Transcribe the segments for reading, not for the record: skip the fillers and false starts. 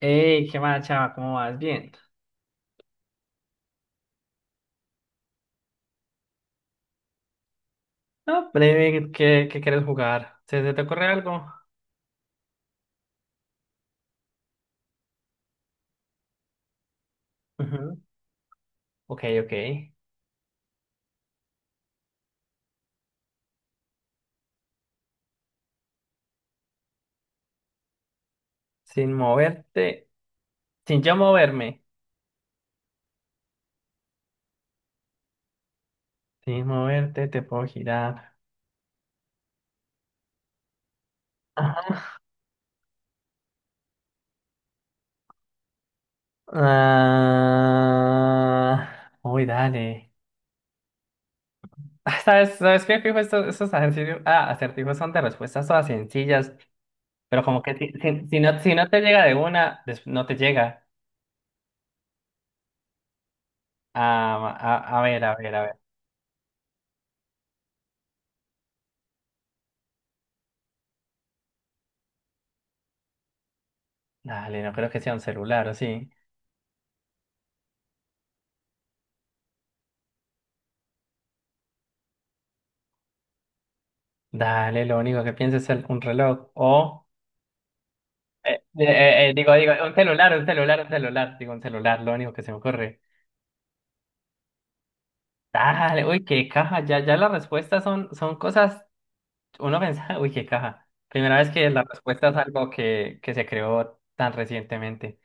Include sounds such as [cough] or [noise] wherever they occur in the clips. Hey, qué mala chava, ¿cómo vas? Bien. No, breve, ¿qué quieres jugar? ¿Se te ocurre algo? Ujú. Ok, ok. Sin moverte, sin yo moverme. Sin moverte, te puedo girar. Ajá. Ah, uy, dale. Ah, sabes qué fijo estos ejercicios? Ah, acertijos son de respuestas todas sencillas, pero como que si no te llega de una, no te llega. A ver, a ver, a ver. Dale, no creo que sea un celular, ¿o sí? Dale, lo único que pienso es un reloj. Un celular, un celular, un celular. Digo, un celular, lo único que se me ocurre. Dale, uy, qué caja. Ya las respuestas son, son cosas. Uno piensa, [laughs] uy, qué caja. Primera vez que la respuesta es algo que se creó tan recientemente.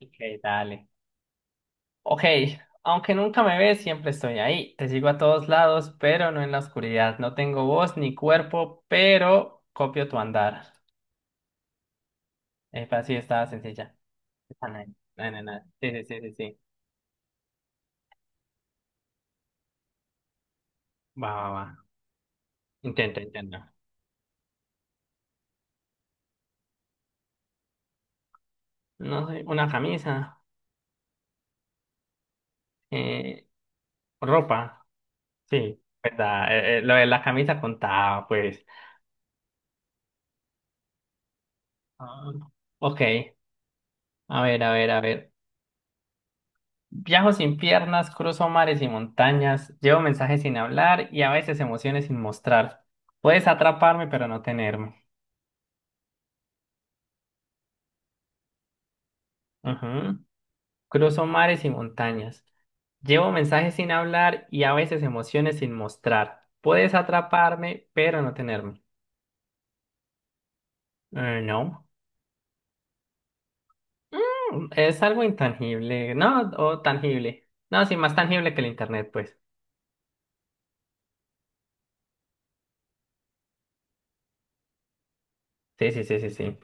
Ok, dale. Ok, aunque nunca me ves, siempre estoy ahí. Te sigo a todos lados, pero no en la oscuridad. No tengo voz ni cuerpo, pero copio tu andar. Es así, está sencilla. Panal. No, no, no, no. Sí, sí, sí, sí, sí. Va, va, va. Intento, intento. No sé, una camisa. Eh, ropa. Sí, verdad. Lo de la camisa contaba, pues. Ah, ok. A ver, a ver, a ver. Viajo sin piernas, cruzo mares y montañas, llevo mensajes sin hablar y a veces emociones sin mostrar. Puedes atraparme, pero no tenerme. Ujú. Cruzo mares y montañas. Llevo mensajes sin hablar y a veces emociones sin mostrar. Puedes atraparme, pero no tenerme. No. Es algo intangible, ¿no? O tangible. No, sí, más tangible que el internet, pues. Sí, sí, sí, sí, sí.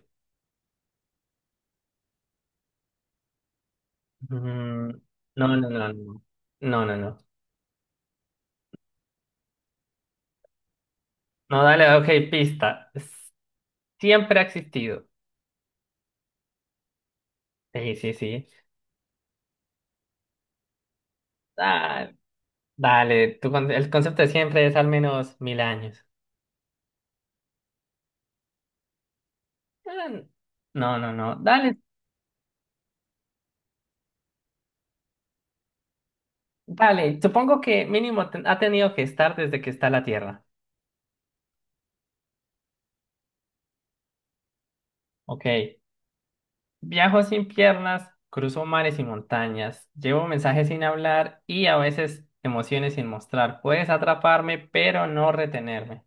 Mm, no, no, no, no. No, no, no. No, dale, ok, pista. Siempre ha existido. Sí, sí, sí. Ah, dale, el concepto de siempre es al menos mil años. Ah, No, no, no. Dale, supongo que mínimo ha tenido que estar desde que está la Tierra. Ok. Viajo sin piernas, cruzo mares y montañas, llevo mensajes sin hablar y a veces emociones sin mostrar. Puedes atraparme, pero no retenerme.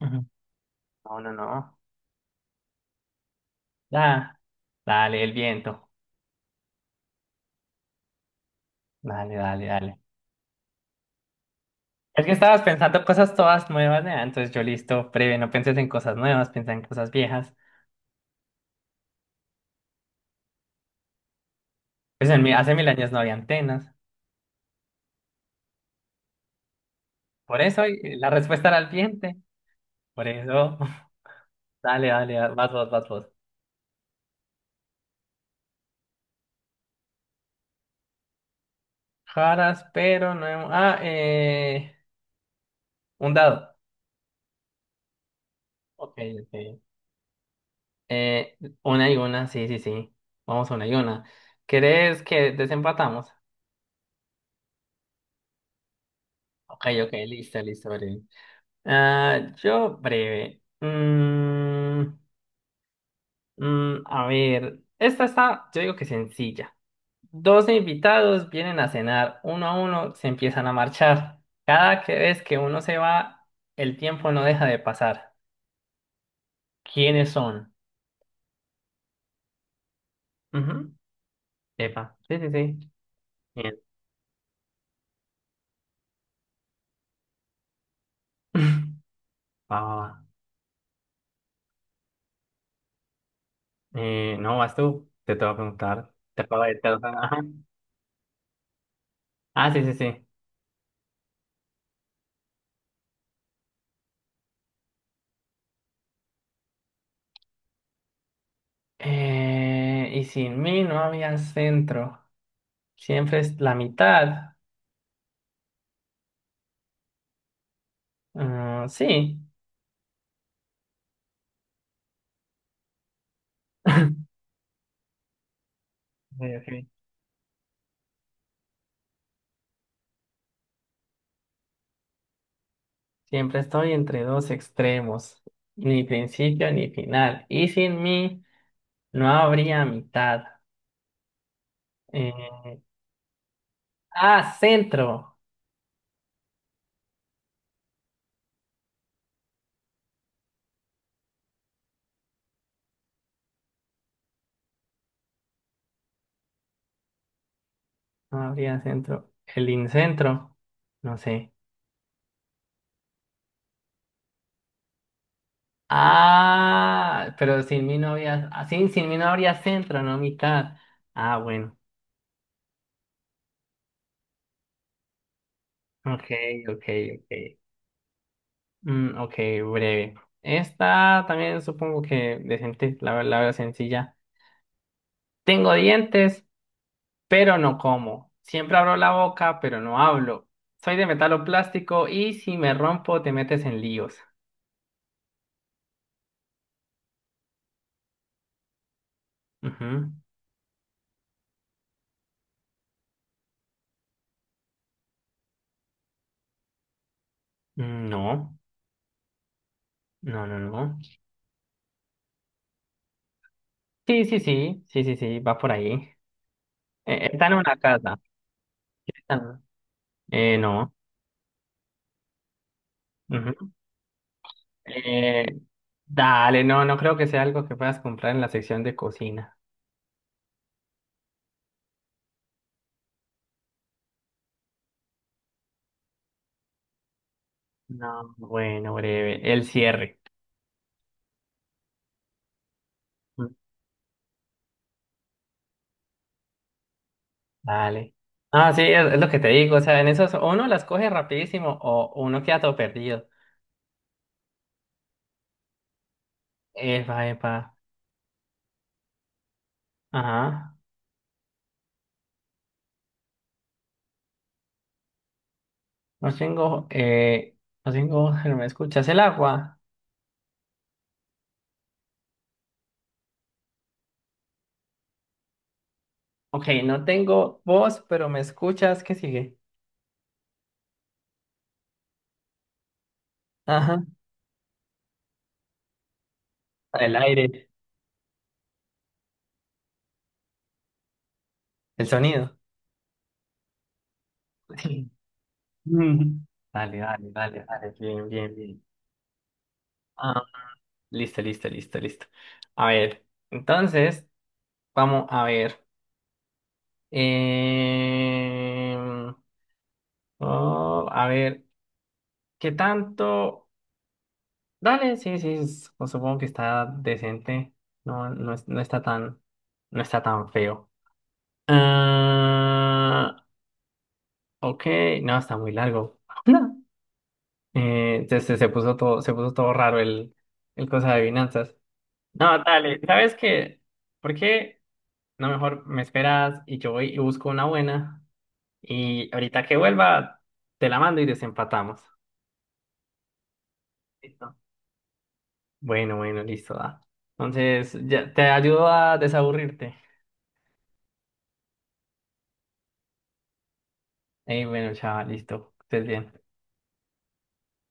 Ujú. No, no, no. Da, dale, el viento. Dale, dale, dale. Es que estabas pensando cosas todas nuevas, ¿no? Entonces yo listo, breve, no pienses en cosas nuevas, piensa en cosas viejas. Pues hace mil años no había antenas. Por eso, la respuesta era el viento. Por eso. Dale, dale, dale, vas vos, vas vos. Jaras, pero no. Un dado. Ok, ok. Eh, una y una, sí, sí, sí. Vamos una y una. ¿Querés que desempatamos? Ok, ok, listo, listo, breve. Yo breve. A ver, esta está, yo digo que sencilla. Dos invitados vienen a cenar, uno a uno se empiezan a marchar. Cada vez que uno se va, el tiempo no deja de pasar. ¿Quiénes son? Ujú. Epa, sí, sí, sí. Bien. [laughs] Va, va, va. No, vas tú. Te voy a preguntar. Te acabo de te-. Ajá. Sí, sí, sí. Y sin mí no había centro. Siempre es la mitad. Sí. Ok, ok. Siempre estoy entre dos extremos. Ni principio ni final. Y sin mí no habría mitad. Eh, centro. No habría centro. El incentro. No sé. Pero sin mí no había. Sí, sin mí no habría centro, no mitad. Ah, bueno. Ok, ok, ok. Ok, breve. Esta también supongo que decente, la veo sencilla. Tengo dientes, pero no como. Siempre abro la boca, pero no hablo. Soy de metal o plástico y si me rompo te metes en líos. Ujú. Mm, no, no, no, no. Sí, sí, sí, sí, sí, sí, va por ahí. Está en una casa. está en- no. Ujú. Eh, dale, no creo que sea algo que puedas comprar en la sección de cocina. No, bueno, breve. El cierre. Mm, dale. Sí, es lo que te digo. O sea, en esos o uno las coge rapidísimo o uno queda todo perdido. Epa, epa. Ajá. No tengo, eh, no tengo [laughs] voz, pero me escuchas. El agua. Ok, no tengo voz, pero me escuchas. ¿Qué sigue? Ajá. El aire, el sonido. [laughs] Dale, dale, dale, dale. Bien, bien, bien. Ah, listo, listo, listo, listo. A ver, entonces, vamos a ver. Em, oh, a ver, ¿qué tanto? Dale, sí, sí, pues supongo que está decente. No, no, no está tan, no está tan feo. Ah, ok, no, está muy largo. [laughs] Se puso todo raro el cosa de adivinanzas. No, dale, ¿sabes qué? ¿Por qué no mejor me esperas y yo voy y busco una buena? Y ahorita que vuelva, te la mando y desempatamos. Listo. Bueno, bueno, listo, da. Entonces, ya te ayudo a desaburrirte. Ey, bueno, chaval, listo. Que estés bien.